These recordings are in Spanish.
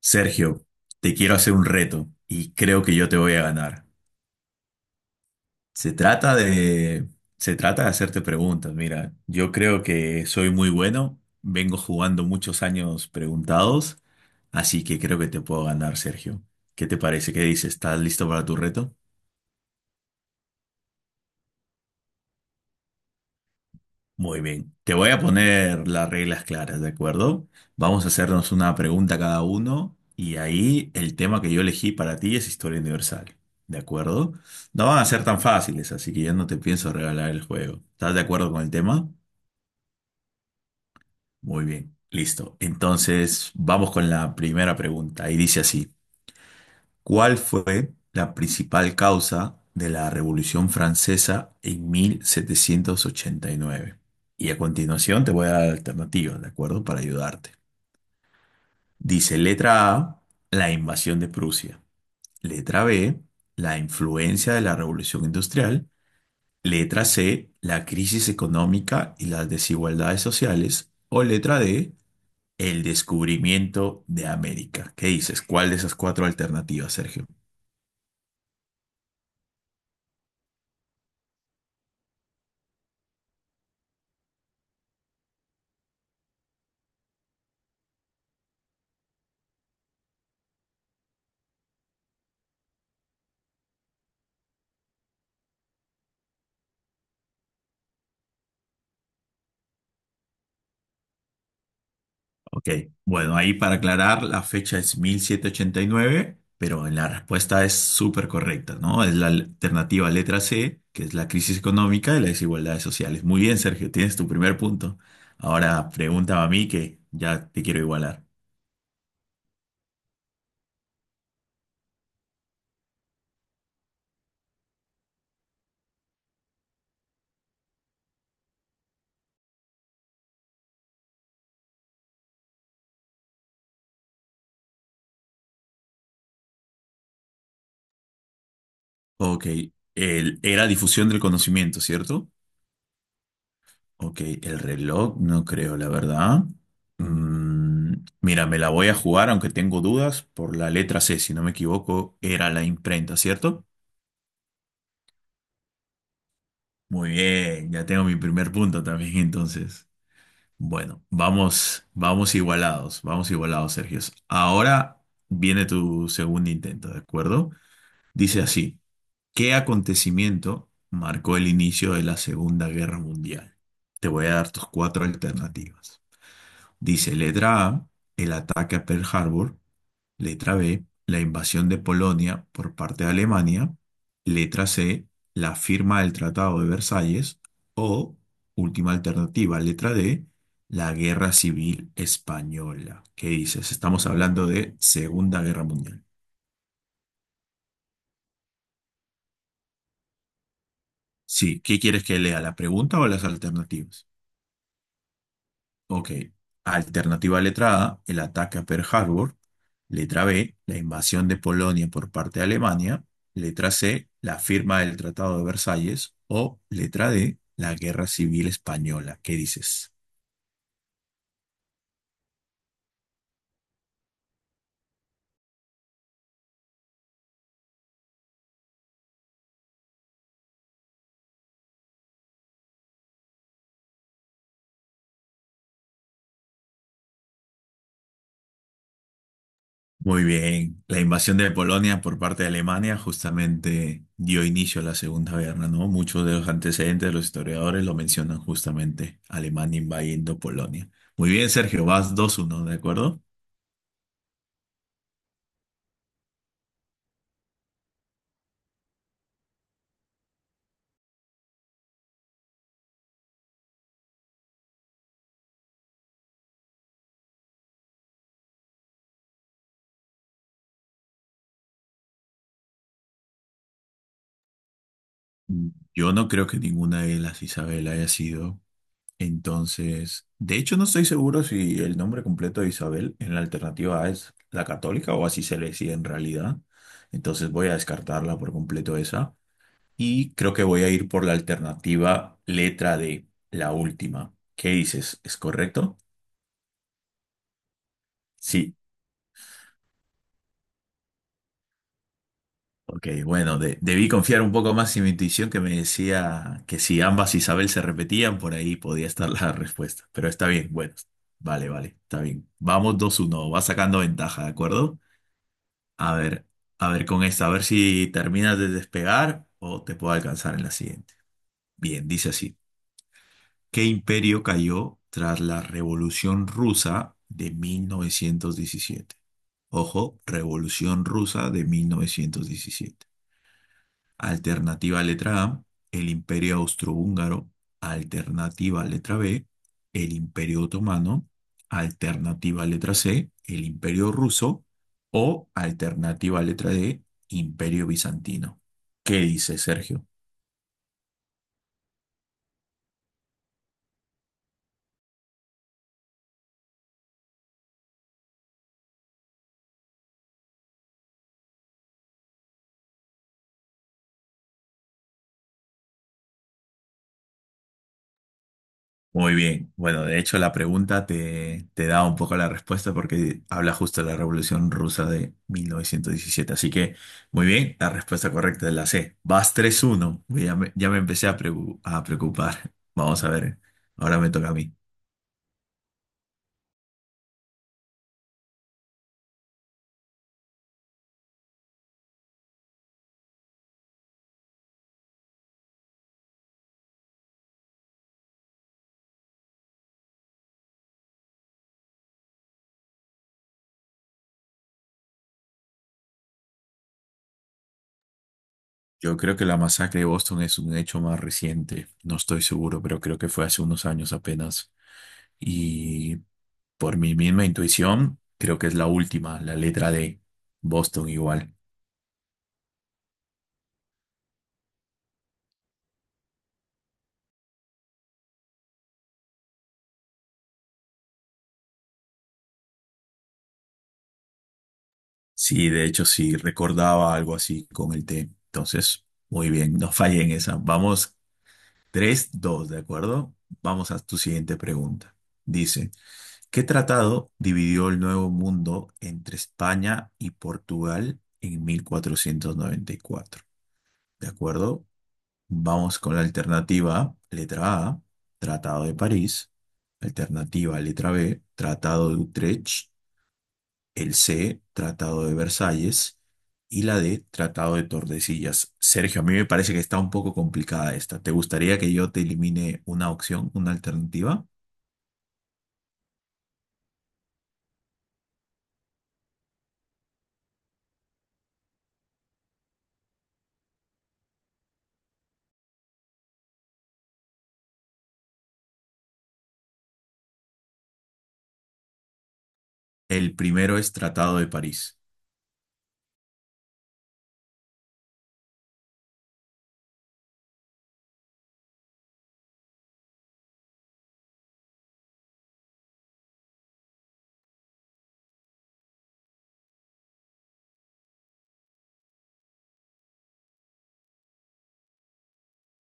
Sergio, te quiero hacer un reto y creo que yo te voy a ganar. Se trata de, se trata de hacerte preguntas. Mira, yo creo que soy muy bueno, vengo jugando muchos años preguntados, así que creo que te puedo ganar, Sergio. ¿Qué te parece? ¿Qué dices? ¿Estás listo para tu reto? Muy bien, te voy a poner las reglas claras, ¿de acuerdo? Vamos a hacernos una pregunta cada uno y ahí el tema que yo elegí para ti es historia universal, ¿de acuerdo? No van a ser tan fáciles, así que ya no te pienso regalar el juego. ¿Estás de acuerdo con el tema? Muy bien, listo. Entonces, vamos con la primera pregunta y dice así. ¿Cuál fue la principal causa de la Revolución Francesa en 1789? Y nueve? Y a continuación te voy a dar alternativas, ¿de acuerdo? Para ayudarte. Dice letra A, la invasión de Prusia. Letra B, la influencia de la Revolución Industrial. Letra C, la crisis económica y las desigualdades sociales. O letra D, el descubrimiento de América. ¿Qué dices? ¿Cuál de esas cuatro alternativas, Sergio? Ok, bueno, ahí para aclarar, la fecha es mil setecientos ochenta y nueve, pero la respuesta es súper correcta, ¿no? Es la alternativa letra C, que es la crisis económica y las desigualdades sociales. Muy bien, Sergio, tienes tu primer punto. Ahora pregúntame a mí que ya te quiero igualar. Ok, el, era difusión del conocimiento, ¿cierto? Ok, el reloj, no creo, la verdad. Mm, mira, me la voy a jugar, aunque tengo dudas, por la letra C, si no me equivoco, era la imprenta, ¿cierto? Muy bien, ya tengo mi primer punto también entonces. Bueno, vamos, vamos igualados, Sergio. Ahora viene tu segundo intento, ¿de acuerdo? Dice así, ¿qué acontecimiento marcó el inicio de la Segunda Guerra Mundial? Te voy a dar tus cuatro alternativas. Dice letra A, el ataque a Pearl Harbor. Letra B, la invasión de Polonia por parte de Alemania. Letra C, la firma del Tratado de Versalles. O, última alternativa, letra D, la Guerra Civil Española. ¿Qué dices? Estamos hablando de Segunda Guerra Mundial. Sí, ¿qué quieres que lea? ¿La pregunta o las alternativas? Ok. Alternativa letra A, el ataque a Pearl Harbor. Letra B, la invasión de Polonia por parte de Alemania. Letra C, la firma del Tratado de Versalles. O letra D, la Guerra Civil Española. ¿Qué dices? Muy bien. La invasión de Polonia por parte de Alemania justamente dio inicio a la Segunda Guerra, ¿no? Muchos de los antecedentes de los historiadores lo mencionan justamente, Alemania invadiendo Polonia. Muy bien, Sergio, vas dos uno, ¿de acuerdo? Yo no creo que ninguna de las Isabel haya sido. Entonces, de hecho, no estoy seguro si el nombre completo de Isabel en la alternativa A es la católica o así se le decía en realidad. Entonces voy a descartarla por completo esa. Y creo que voy a ir por la alternativa letra D, la última. ¿Qué dices? ¿Es correcto? Sí, ok, bueno, debí confiar un poco más en mi intuición que me decía que si ambas Isabel se repetían, por ahí podía estar la respuesta. Pero está bien, bueno, vale, vale, está bien. Vamos 2-1, va sacando ventaja, ¿de acuerdo? A ver, a ver con esta, a ver si terminas de despegar o te puedo alcanzar en la siguiente. Bien, dice así. ¿Qué imperio cayó tras la Revolución Rusa de 1917? Ojo, Revolución Rusa de 1917. Alternativa letra A, el Imperio Austrohúngaro. Alternativa letra B, el Imperio Otomano. Alternativa letra C, el Imperio Ruso. O alternativa letra D, Imperio Bizantino. ¿Qué dice Sergio? Muy bien. Bueno, de hecho la pregunta te da un poco la respuesta porque habla justo de la Revolución Rusa de 1917. Así que, muy bien, la respuesta correcta es la C. Vas tres uno. Ya me empecé a, preocupar. Vamos a ver, ahora me toca a mí. Yo creo que la masacre de Boston es un hecho más reciente. No estoy seguro, pero creo que fue hace unos años apenas. Y por mi misma intuición, creo que es la última, la letra D. Boston igual. Sí, de hecho, sí, recordaba algo así con el té. Entonces, muy bien, no fallé en esa. Vamos, tres, dos, ¿de acuerdo? Vamos a tu siguiente pregunta. Dice, ¿qué tratado dividió el Nuevo Mundo entre España y Portugal en mil cuatrocientos noventa y cuatro? ¿De acuerdo? Vamos con la alternativa, letra A, Tratado de París. Alternativa, letra B, Tratado de Utrecht, el C, Tratado de Versalles, y la D, Tratado de Tordesillas. Sergio, a mí me parece que está un poco complicada esta. ¿Te gustaría que yo te elimine una opción, una alternativa? El primero es Tratado de París.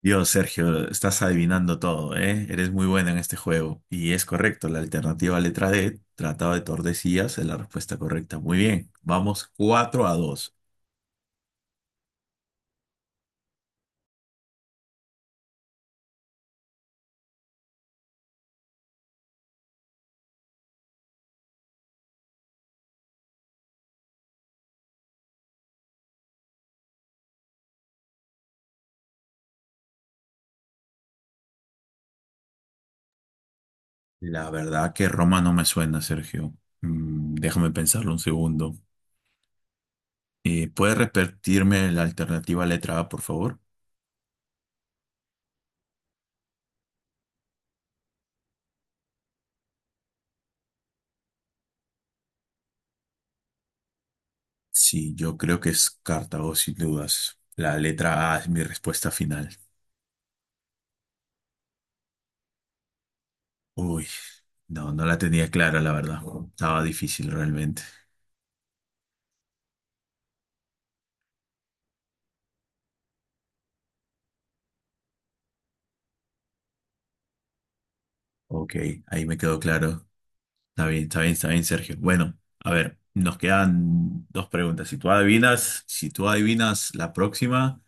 Dios, Sergio, estás adivinando todo, ¿eh? Eres muy bueno en este juego. Y es correcto, la alternativa letra D, Tratado de Tordesillas, es la respuesta correcta. Muy bien, vamos 4 a dos. La verdad que Roma no me suena, Sergio. Mm, déjame pensarlo un segundo. ¿Puedes repetirme la alternativa letra A, por favor? Sí, yo creo que es Cartago, sin dudas. La letra A es mi respuesta final. Uy, no, no la tenía clara, la verdad. Estaba difícil realmente. Ok, ahí me quedó claro. Está bien, está bien, está bien, Sergio. Bueno, a ver, nos quedan dos preguntas. Si tú adivinas, si tú adivinas la próxima,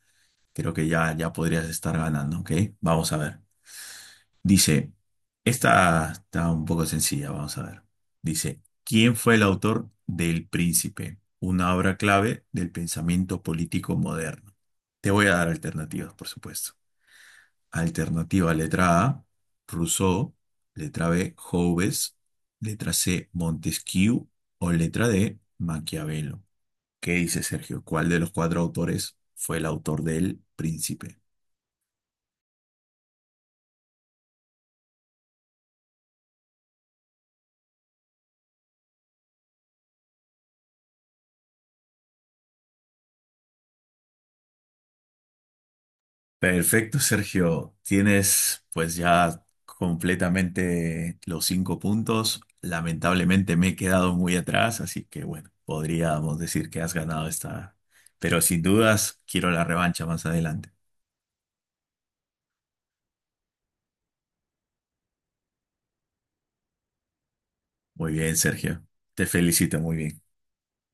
creo que ya, ya podrías estar ganando, ¿ok? Vamos a ver. Dice, esta está un poco sencilla, vamos a ver. Dice, ¿quién fue el autor del Príncipe? Una obra clave del pensamiento político moderno. Te voy a dar alternativas, por supuesto. Alternativa letra A, Rousseau, letra B, Hobbes, letra C, Montesquieu o letra D, Maquiavelo. ¿Qué dice Sergio? ¿Cuál de los cuatro autores fue el autor del Príncipe? Perfecto, Sergio. Tienes pues ya completamente los 5 puntos. Lamentablemente me he quedado muy atrás, así que bueno, podríamos decir que has ganado esta, pero sin dudas quiero la revancha más adelante. Muy bien, Sergio. Te felicito, muy bien.